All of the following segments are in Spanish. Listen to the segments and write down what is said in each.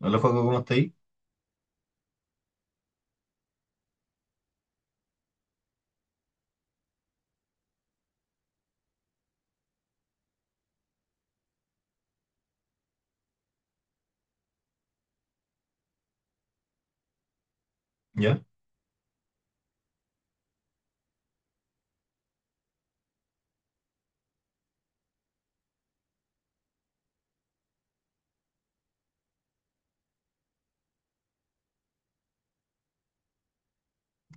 Hola, Joaco, ¿cómo está ahí? ¿Ya?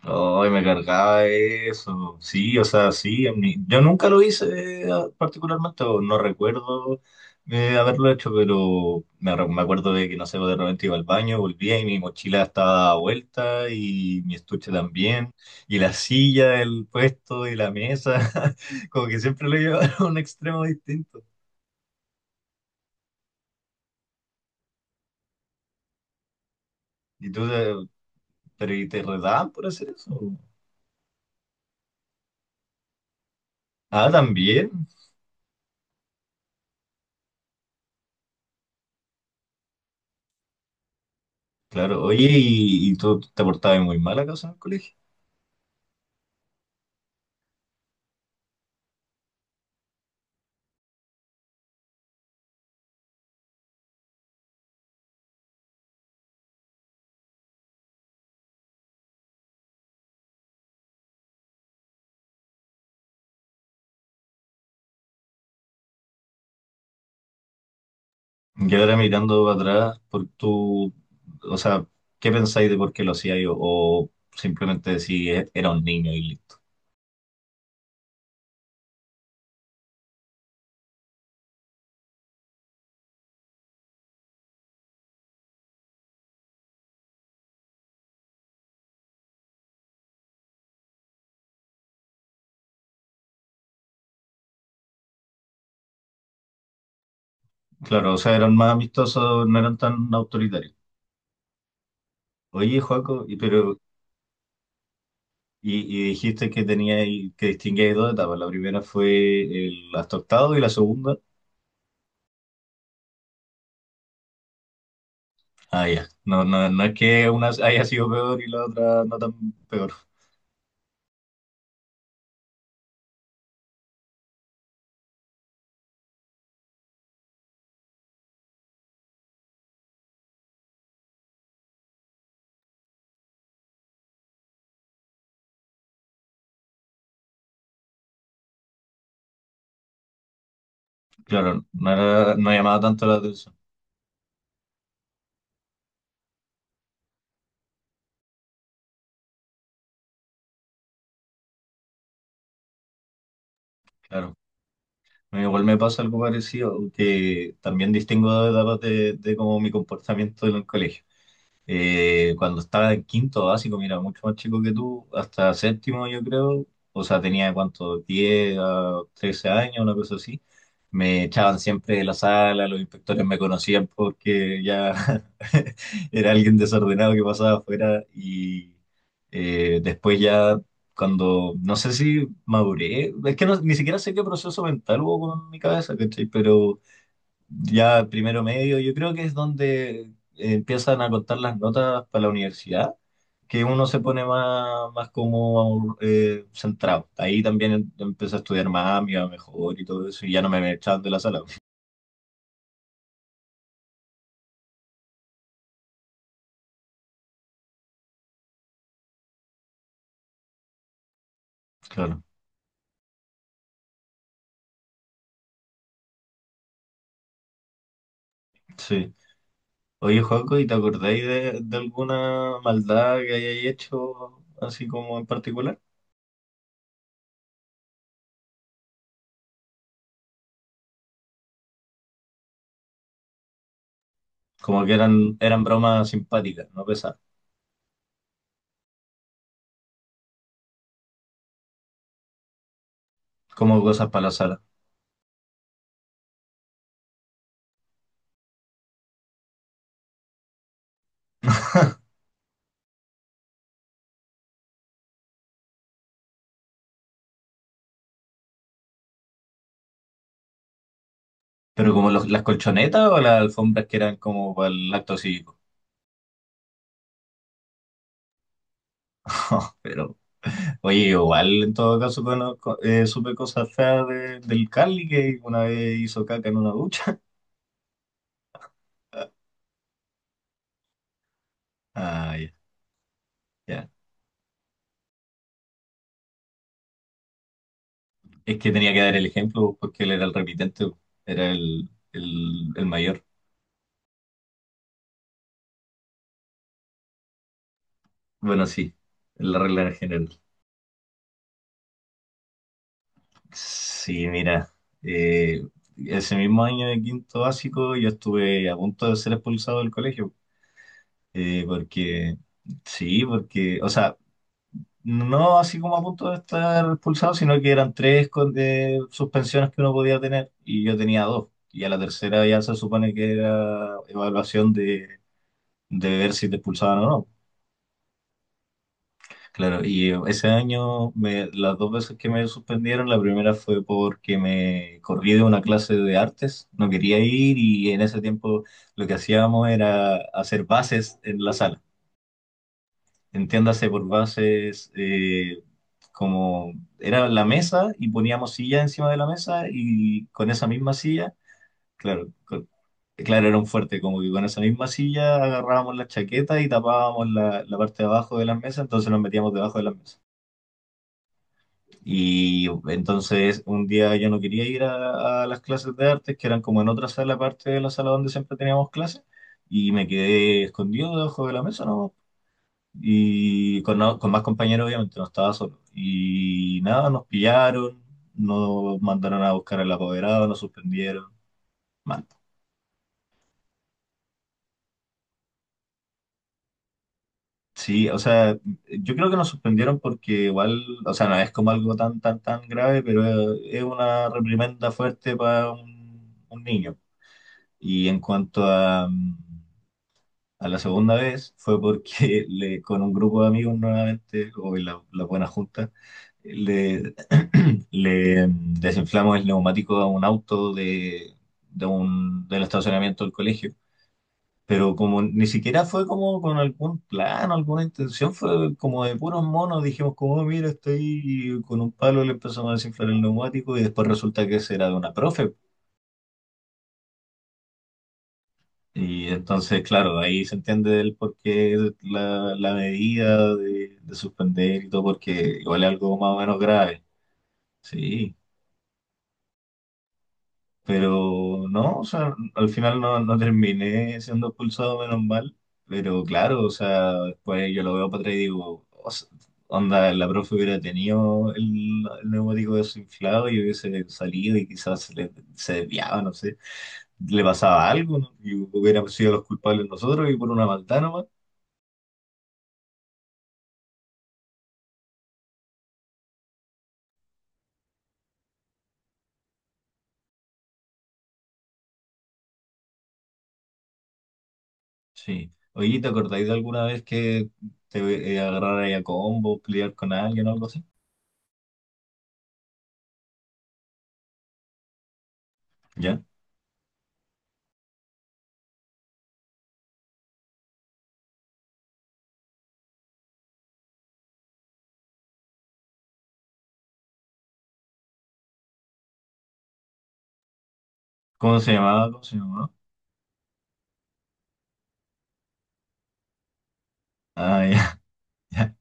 Ay, me cargaba eso. Sí, o sea, sí. Yo nunca lo hice particularmente, o no recuerdo haberlo hecho, pero me acuerdo de que, no sé, pues, de repente iba al baño, volvía y mi mochila estaba dada vuelta y mi estuche también, y la silla, el puesto y la mesa, como que siempre lo llevaba a un extremo distinto. Y tú, pero ¿y te redaban por hacer eso? Ah, también. Claro, oye, ¿y tú te portabas muy mal acaso en el colegio? Y ahora mirando atrás, por tu, o sea, ¿qué pensáis de por qué lo hacía? O simplemente decís: Era un niño y listo". Claro, o sea, eran más amistosos, no eran tan autoritarios. Oye, Joaco, y, pero, y dijiste que teníais, que distinguíais dos etapas. La primera fue el hasta octavo y la segunda. Ah, ya. No, no, no es que una haya sido peor y la otra no tan peor. Claro, no era, no llamaba tanto la atención. Claro. No, igual me pasa algo parecido, que también distingo de etapas de como mi comportamiento en el colegio. Cuando estaba en quinto básico, mira, mucho más chico que tú, hasta séptimo yo creo, o sea, tenía cuánto, 10 a 13 años, una cosa así. Me echaban siempre de la sala, los inspectores me conocían porque ya era alguien desordenado que pasaba afuera y después ya cuando, no sé si maduré, es que ni siquiera sé qué proceso mental hubo con mi cabeza, ¿cachai? Pero ya primero medio, yo creo que es donde empiezan a contar las notas para la universidad, que uno se pone más, más como centrado. Ahí también empecé a estudiar más, me iba mejor y todo eso, y ya no me echaban de la sala. Claro, sí. Oye, Juanco, ¿y te acordáis de alguna maldad que hayáis hecho así como en particular? Como que eran, eran bromas simpáticas, no pesadas, como cosas para la sala. Pero como las colchonetas o las alfombras que eran como para el acto cívico. Pero, oye, igual en todo caso supe cosas feas del Carly que una vez hizo caca en una ducha. Ah, ya, ya. Es que tenía que dar el ejemplo porque él era el repitente, era el mayor. Bueno, sí, la regla en general. Sí, mira, eh, ese mismo año de quinto básico yo estuve a punto de ser expulsado del colegio. eh, porque, sí, porque, o sea, no así como a punto de estar expulsado, sino que eran tres suspensiones que uno podía tener y yo tenía dos. Y a la tercera ya se supone que era evaluación de ver si te expulsaban o no. Claro, y ese año las dos veces que me suspendieron, la primera fue porque me corrí de una clase de artes, no quería ir y en ese tiempo lo que hacíamos era hacer bases en la sala. Entiéndase por bases como era la mesa y poníamos silla encima de la mesa y con esa misma silla, claro, claro, era un fuerte, como que con esa misma silla agarrábamos la chaqueta y tapábamos la, la parte de abajo de la mesa, entonces nos metíamos debajo de la mesa. Y entonces un día yo no quería ir a las clases de artes, que eran como en otra sala aparte de la sala donde siempre teníamos clases, y me quedé escondido debajo de la mesa, ¿no? Y con, con más compañeros, obviamente, no estaba solo. Y nada, nos pillaron, nos mandaron a buscar al apoderado, nos suspendieron. Mal. Sí, o sea, yo creo que nos suspendieron porque igual, o sea, no es como algo tan, tan, tan grave, pero es una reprimenda fuerte para un niño. Y en cuanto a, a la segunda vez fue porque le, con un grupo de amigos nuevamente, o en la, la buena junta, le, le desinflamos el neumático a un auto de, del estacionamiento del colegio. Pero como ni siquiera fue como con algún plan, alguna intención, fue como de puros monos, dijimos como: "Oh, mira, estoy con un palo", le empezamos a desinflar el neumático y después resulta que ese era de una profe. Y entonces, claro, de ahí se entiende el porqué la, la medida de suspender y todo, porque igual es algo más o menos grave. Sí, pero no, o sea, al final no, no terminé siendo expulsado, menos mal. Pero claro, o sea, después yo lo veo para atrás y digo, o sea, onda, la profe hubiera tenido el neumático desinflado y hubiese salido y quizás se, se desviaba, no sé, le pasaba algo, ¿no? Y hubiéramos sido los culpables nosotros y por una maldad nomás. Sí. Oye, ¿te acordáis de alguna vez que te agarrara ahí a combo, pelear con alguien o algo así? ¿Ya? ¿Cómo se llamaba? ¿Cómo se llamaba? Ah, ya, ya.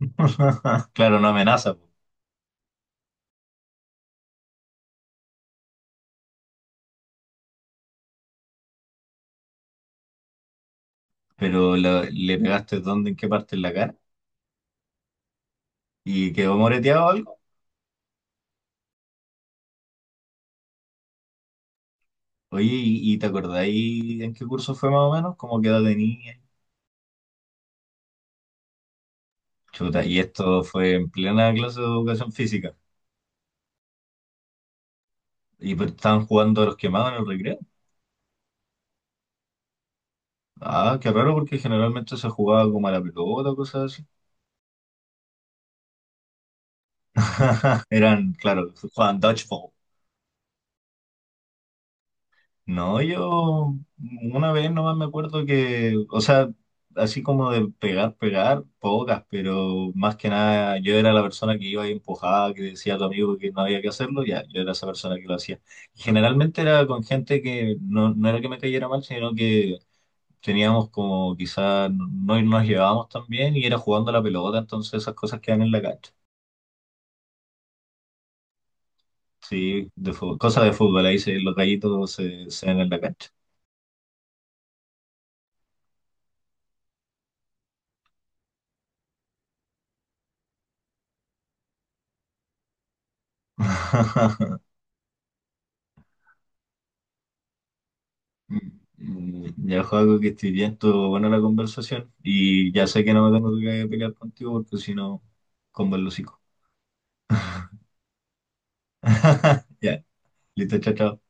Claro, no amenaza, po. Pero le pegaste dónde, ¿en qué parte? ¿En la cara? ¿Y quedó moreteado o algo? Oye, y te acordáis en qué curso fue más o menos? ¿Cómo quedó de niña? Chuta, ¿y esto fue en plena clase de educación física? Y pues, ¿estaban jugando a los quemados en el recreo? Ah, qué raro porque generalmente se jugaba como a la pelota o cosas. Eran, claro, jugaban dodgeball. No, yo una vez nomás me acuerdo que, o sea, así como de pegar, pegar, pocas, pero más que nada yo era la persona que iba y empujaba, que decía a tu amigo que no había que hacerlo, ya, yo era esa persona que lo hacía. Y generalmente era con gente que no, no era que me cayera mal, sino que teníamos como quizás no no nos llevábamos tan bien y era jugando a la pelota, entonces esas cosas quedan en la cancha. Sí, de fútbol, cosas de fútbol, ahí se, los gallitos se, se ven en la cancha. Mm, ya, Joaco, que estoy bien, estuvo buena la conversación y ya sé que no me tengo que pelear contigo porque si no, con el hocico. Ya, listo, chao, chao.